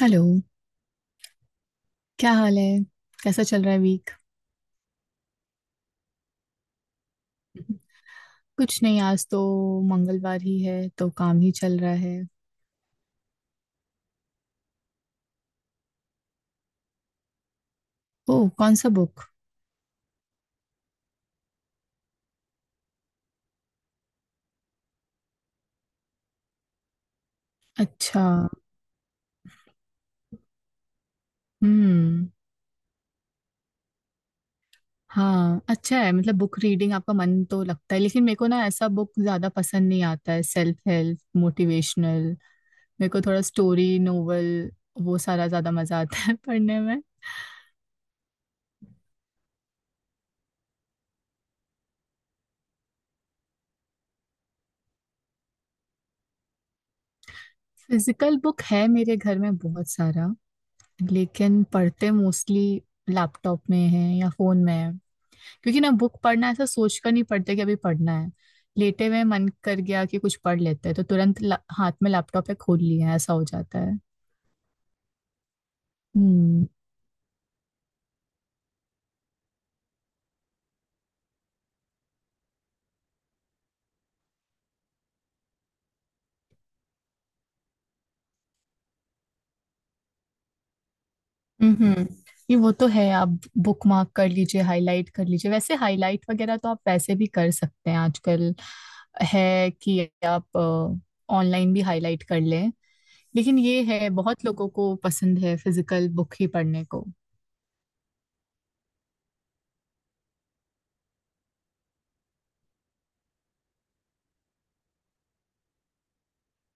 Hello. क्या हाल है? कैसा चल रहा है वीक? कुछ नहीं, आज तो मंगलवार ही है तो काम ही चल रहा है। ओह, कौन सा बुक? अच्छा। हम्म। हाँ अच्छा है, मतलब बुक रीडिंग आपका मन तो लगता है, लेकिन मेरे को ना ऐसा बुक ज्यादा पसंद नहीं आता है, सेल्फ हेल्प मोटिवेशनल। मेरे को थोड़ा स्टोरी नोवेल, वो सारा ज्यादा मजा आता है पढ़ने में। फिजिकल बुक है मेरे घर में बहुत सारा, लेकिन पढ़ते मोस्टली लैपटॉप में है या फोन में है। क्योंकि ना बुक पढ़ना ऐसा सोच कर नहीं पढ़ते कि अभी पढ़ना है, लेटे हुए मन कर गया कि कुछ पढ़ लेते हैं तो तुरंत हाथ में लैपटॉप है, खोल लिया, ऐसा हो जाता है। हम्म। हम्म। ये वो तो है, आप बुक मार्क कर लीजिए, हाईलाइट कर लीजिए, वैसे हाईलाइट वगैरह तो आप वैसे भी कर सकते हैं आजकल, है कि आप ऑनलाइन भी हाईलाइट कर लें। लेकिन ये है बहुत लोगों को पसंद है फिजिकल बुक ही पढ़ने को।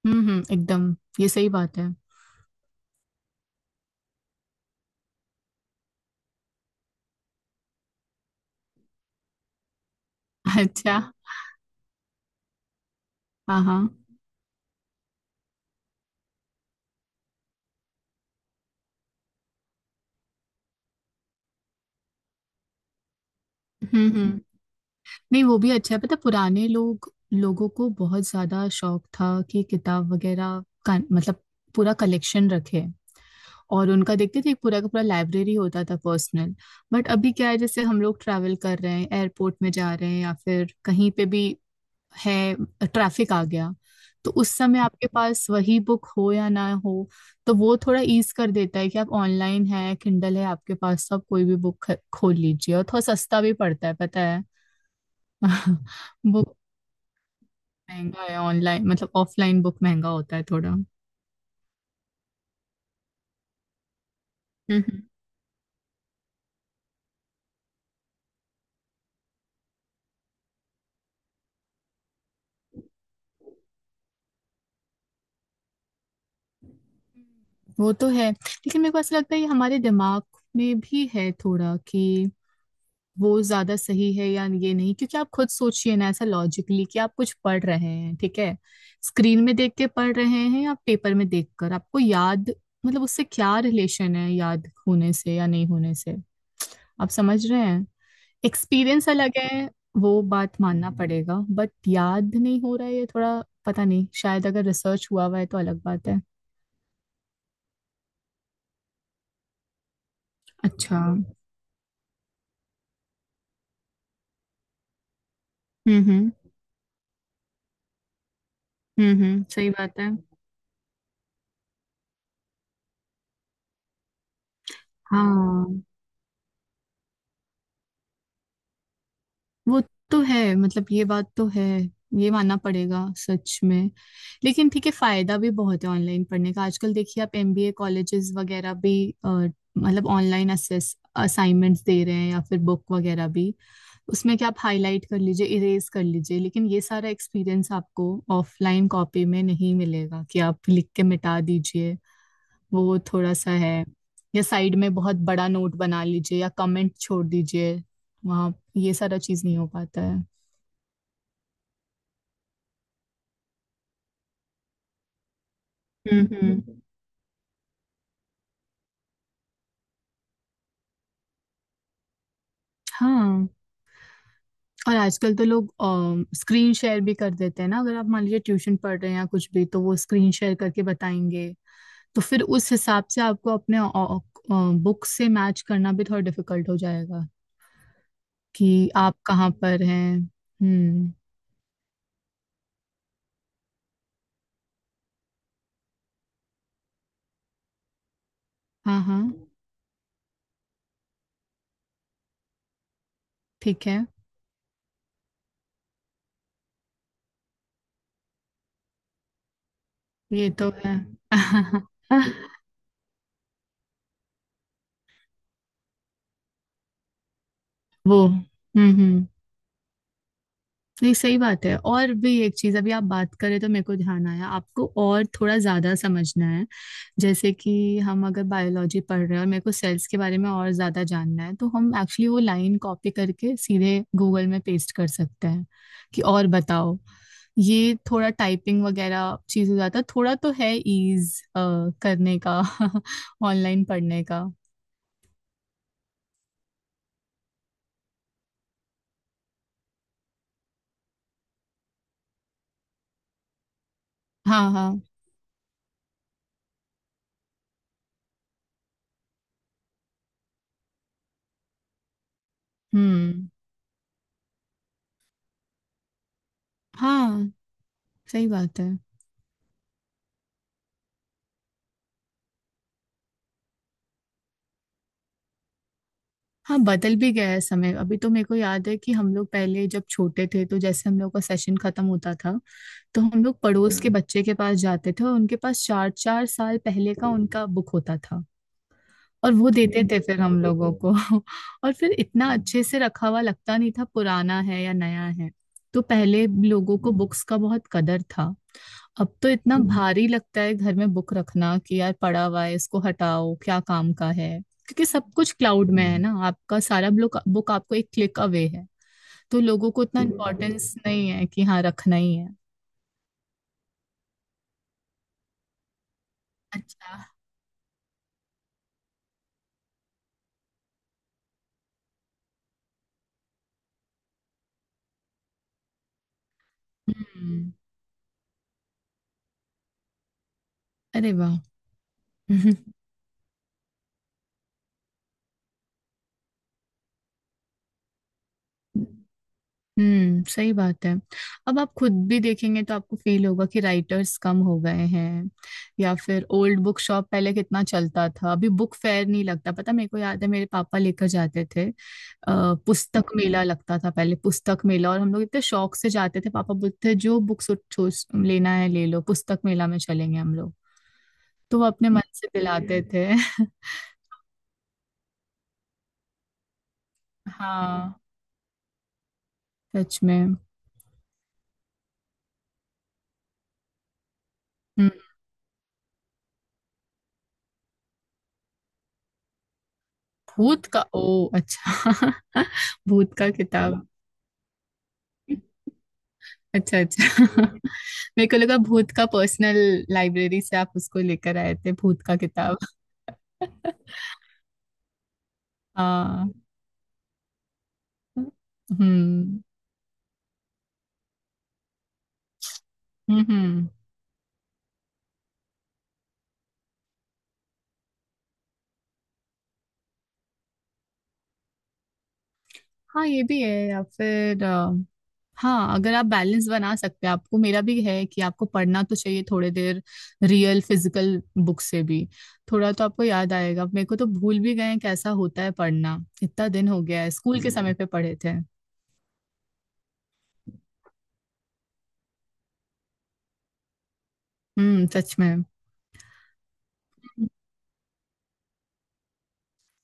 हम्म, एकदम ये सही बात है। अच्छा। हाँ हाँ। हम्म। नहीं, वो भी अच्छा है पता है, पुराने लोग लोगों को बहुत ज्यादा शौक था कि किताब वगैरह का, मतलब पूरा कलेक्शन रखे, और उनका देखते थे पूरा का पूरा लाइब्रेरी होता था पर्सनल। बट अभी क्या है, जैसे हम लोग ट्रैवल कर रहे हैं, एयरपोर्ट में जा रहे हैं या फिर कहीं पे भी है, ट्रैफिक आ गया, तो उस समय आपके पास वही बुक हो या ना हो, तो वो थोड़ा ईज कर देता है कि आप ऑनलाइन है, किंडल है आपके पास, तो आप कोई भी बुक खोल लीजिए। और थोड़ा सस्ता भी पड़ता है पता है। बुक महंगा है ऑनलाइन, मतलब ऑफलाइन बुक महंगा होता है थोड़ा। हम्म। हम्म, वो तो है, लेकिन मेरे को ऐसा लगता है ये हमारे दिमाग में भी है थोड़ा कि वो ज्यादा सही है या ये नहीं, क्योंकि आप खुद सोचिए ना ऐसा लॉजिकली कि आप कुछ पढ़ रहे हैं ठीक है, स्क्रीन में देख के पढ़ रहे हैं या पेपर में देखकर आपको याद, मतलब उससे क्या रिलेशन है याद होने से या नहीं होने से? आप समझ रहे हैं? एक्सपीरियंस अलग है, वो बात मानना पड़ेगा, बट याद नहीं हो रहा है ये थोड़ा, पता नहीं, शायद अगर रिसर्च हुआ हुआ है तो अलग बात है। अच्छा। हम्म। हम्म, सही बात है। हाँ वो तो है, मतलब ये बात तो है, ये मानना पड़ेगा सच में। लेकिन ठीक है, फायदा भी बहुत है ऑनलाइन पढ़ने का। आजकल देखिए आप एमबीए कॉलेजेस वगैरह भी अ, मतलब ऑनलाइन असेस असाइनमेंट्स दे रहे हैं, या फिर बुक वगैरह भी। उसमें क्या, आप हाईलाइट कर लीजिए, इरेज कर लीजिए, लेकिन ये सारा एक्सपीरियंस आपको ऑफलाइन कॉपी में नहीं मिलेगा कि आप लिख के मिटा दीजिए, वो थोड़ा सा है, या साइड में बहुत बड़ा नोट बना लीजिए या कमेंट छोड़ दीजिए, वहाँ ये सारा चीज नहीं हो पाता है। हम्म। हाँ, और आजकल तो लोग स्क्रीन शेयर भी कर देते हैं ना, अगर आप मान लीजिए ट्यूशन पढ़ रहे हैं या कुछ भी, तो वो स्क्रीन शेयर करके बताएंगे, तो फिर उस हिसाब से आपको अपने बुक से मैच करना भी थोड़ा डिफिकल्ट हो जाएगा कि आप कहाँ पर हैं। हम्म। हाँ हाँ। ठीक है। ये तो है। वो हम्म, नहीं सही बात है। और भी एक चीज अभी आप बात करें तो मेरे को ध्यान आया, आपको और थोड़ा ज्यादा समझना है, जैसे कि हम अगर बायोलॉजी पढ़ रहे हैं और मेरे को सेल्स के बारे में और ज्यादा जानना है, तो हम एक्चुअली वो लाइन कॉपी करके सीधे गूगल में पेस्ट कर सकते हैं कि और बताओ। ये थोड़ा टाइपिंग वगैरह चीज हो जाता है थोड़ा, तो है ईज करने का, ऑनलाइन पढ़ने का। हाँ हाँ। हम्म। हाँ सही बात है। हाँ, बदल भी गया है समय। अभी तो मेरे को याद है कि हम लोग पहले जब छोटे थे, तो जैसे हम लोग का सेशन खत्म होता था, तो हम लोग पड़ोस के बच्चे के पास जाते थे, और उनके पास चार चार साल पहले का उनका बुक होता था, और वो देते थे फिर हम लोगों को। और फिर इतना अच्छे से रखा हुआ लगता नहीं था पुराना है या नया है। तो पहले लोगों को बुक्स का बहुत कदर था। अब तो इतना भारी लगता है घर में बुक रखना कि यार पड़ा हुआ है, इसको हटाओ, क्या काम का है, क्योंकि सब कुछ क्लाउड में है। ना आपका सारा बुक बुक आपको एक क्लिक अवे है, तो लोगों को इतना इम्पोर्टेंस नहीं है कि हाँ रखना ही है। अच्छा। हम्म। अरे वाह। हम्म, सही बात है। अब आप खुद भी देखेंगे तो आपको फील होगा कि राइटर्स कम हो गए हैं, या फिर ओल्ड बुक शॉप पहले कितना चलता था, अभी बुक फेयर नहीं लगता। पता मेरे को याद है मेरे पापा लेकर जाते थे, पुस्तक मेला लगता था पहले, पुस्तक मेला, और हम लोग इतने शौक से जाते थे, पापा बोलते थे जो बुक लेना है ले लो, पुस्तक मेला में चलेंगे हम लोग, तो वो अपने मन से दिलाते थे। हाँ, सच में। हम्म। भूत का, ओ अच्छा। भूत का किताब। अच्छा अच्छा। मेरे को लगा भूत का पर्सनल लाइब्रेरी से आप उसको लेकर आए थे, भूत का किताब। हाँ। हम्म हम्म। हम्म। हाँ ये भी है, या फिर हाँ अगर आप बैलेंस बना सकते हैं। आपको, मेरा भी है कि आपको पढ़ना तो चाहिए थोड़ी देर रियल फिजिकल बुक से भी, थोड़ा तो आपको याद आएगा। मेरे को तो भूल भी गए हैं कैसा होता है पढ़ना, इतना दिन हो गया है, स्कूल के समय पे पढ़े थे। सच में।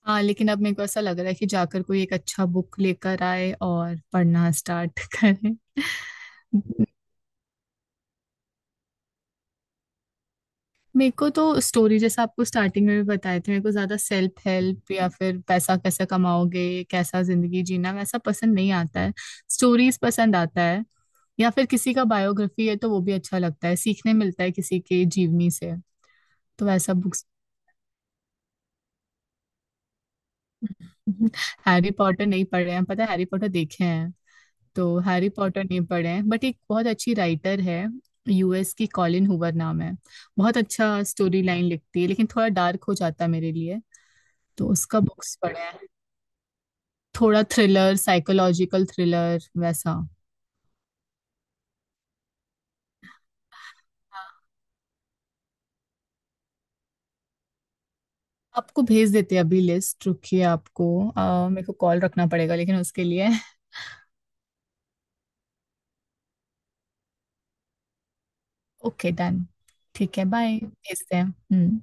हाँ, लेकिन अब मेरे को ऐसा लग रहा है कि जाकर कोई एक अच्छा बुक लेकर आए और पढ़ना स्टार्ट करें। मेरे को तो स्टोरी जैसा, आपको स्टार्टिंग में भी बताए थे, मेरे को ज्यादा सेल्फ हेल्प या फिर पैसा कैसे कमाओगे, कैसा जिंदगी जीना, वैसा पसंद नहीं आता है। स्टोरीज पसंद आता है, या फिर किसी का बायोग्राफी है तो वो भी अच्छा लगता है, सीखने मिलता है किसी के जीवनी से, तो वैसा बुक्स। हैरी पॉटर नहीं पढ़े हैं, पता है हैरी पॉटर देखे, तो हैरी पॉटर नहीं पढ़े हैं, बट एक बहुत अच्छी राइटर है, यूएस की, कॉलिन हूवर नाम है, बहुत अच्छा स्टोरी लाइन लिखती है, लेकिन थोड़ा डार्क हो जाता है मेरे लिए, तो उसका बुक्स पढ़े हैं, थोड़ा थ्रिलर, साइकोलॉजिकल थ्रिलर वैसा। हाँ, आपको भेज देते हैं अभी लिस्ट, रुकिए, आपको, मेरे को कॉल रखना पड़ेगा लेकिन उसके लिए। Okay done. ठीक है, बाय, भेजते हैं। हम्म।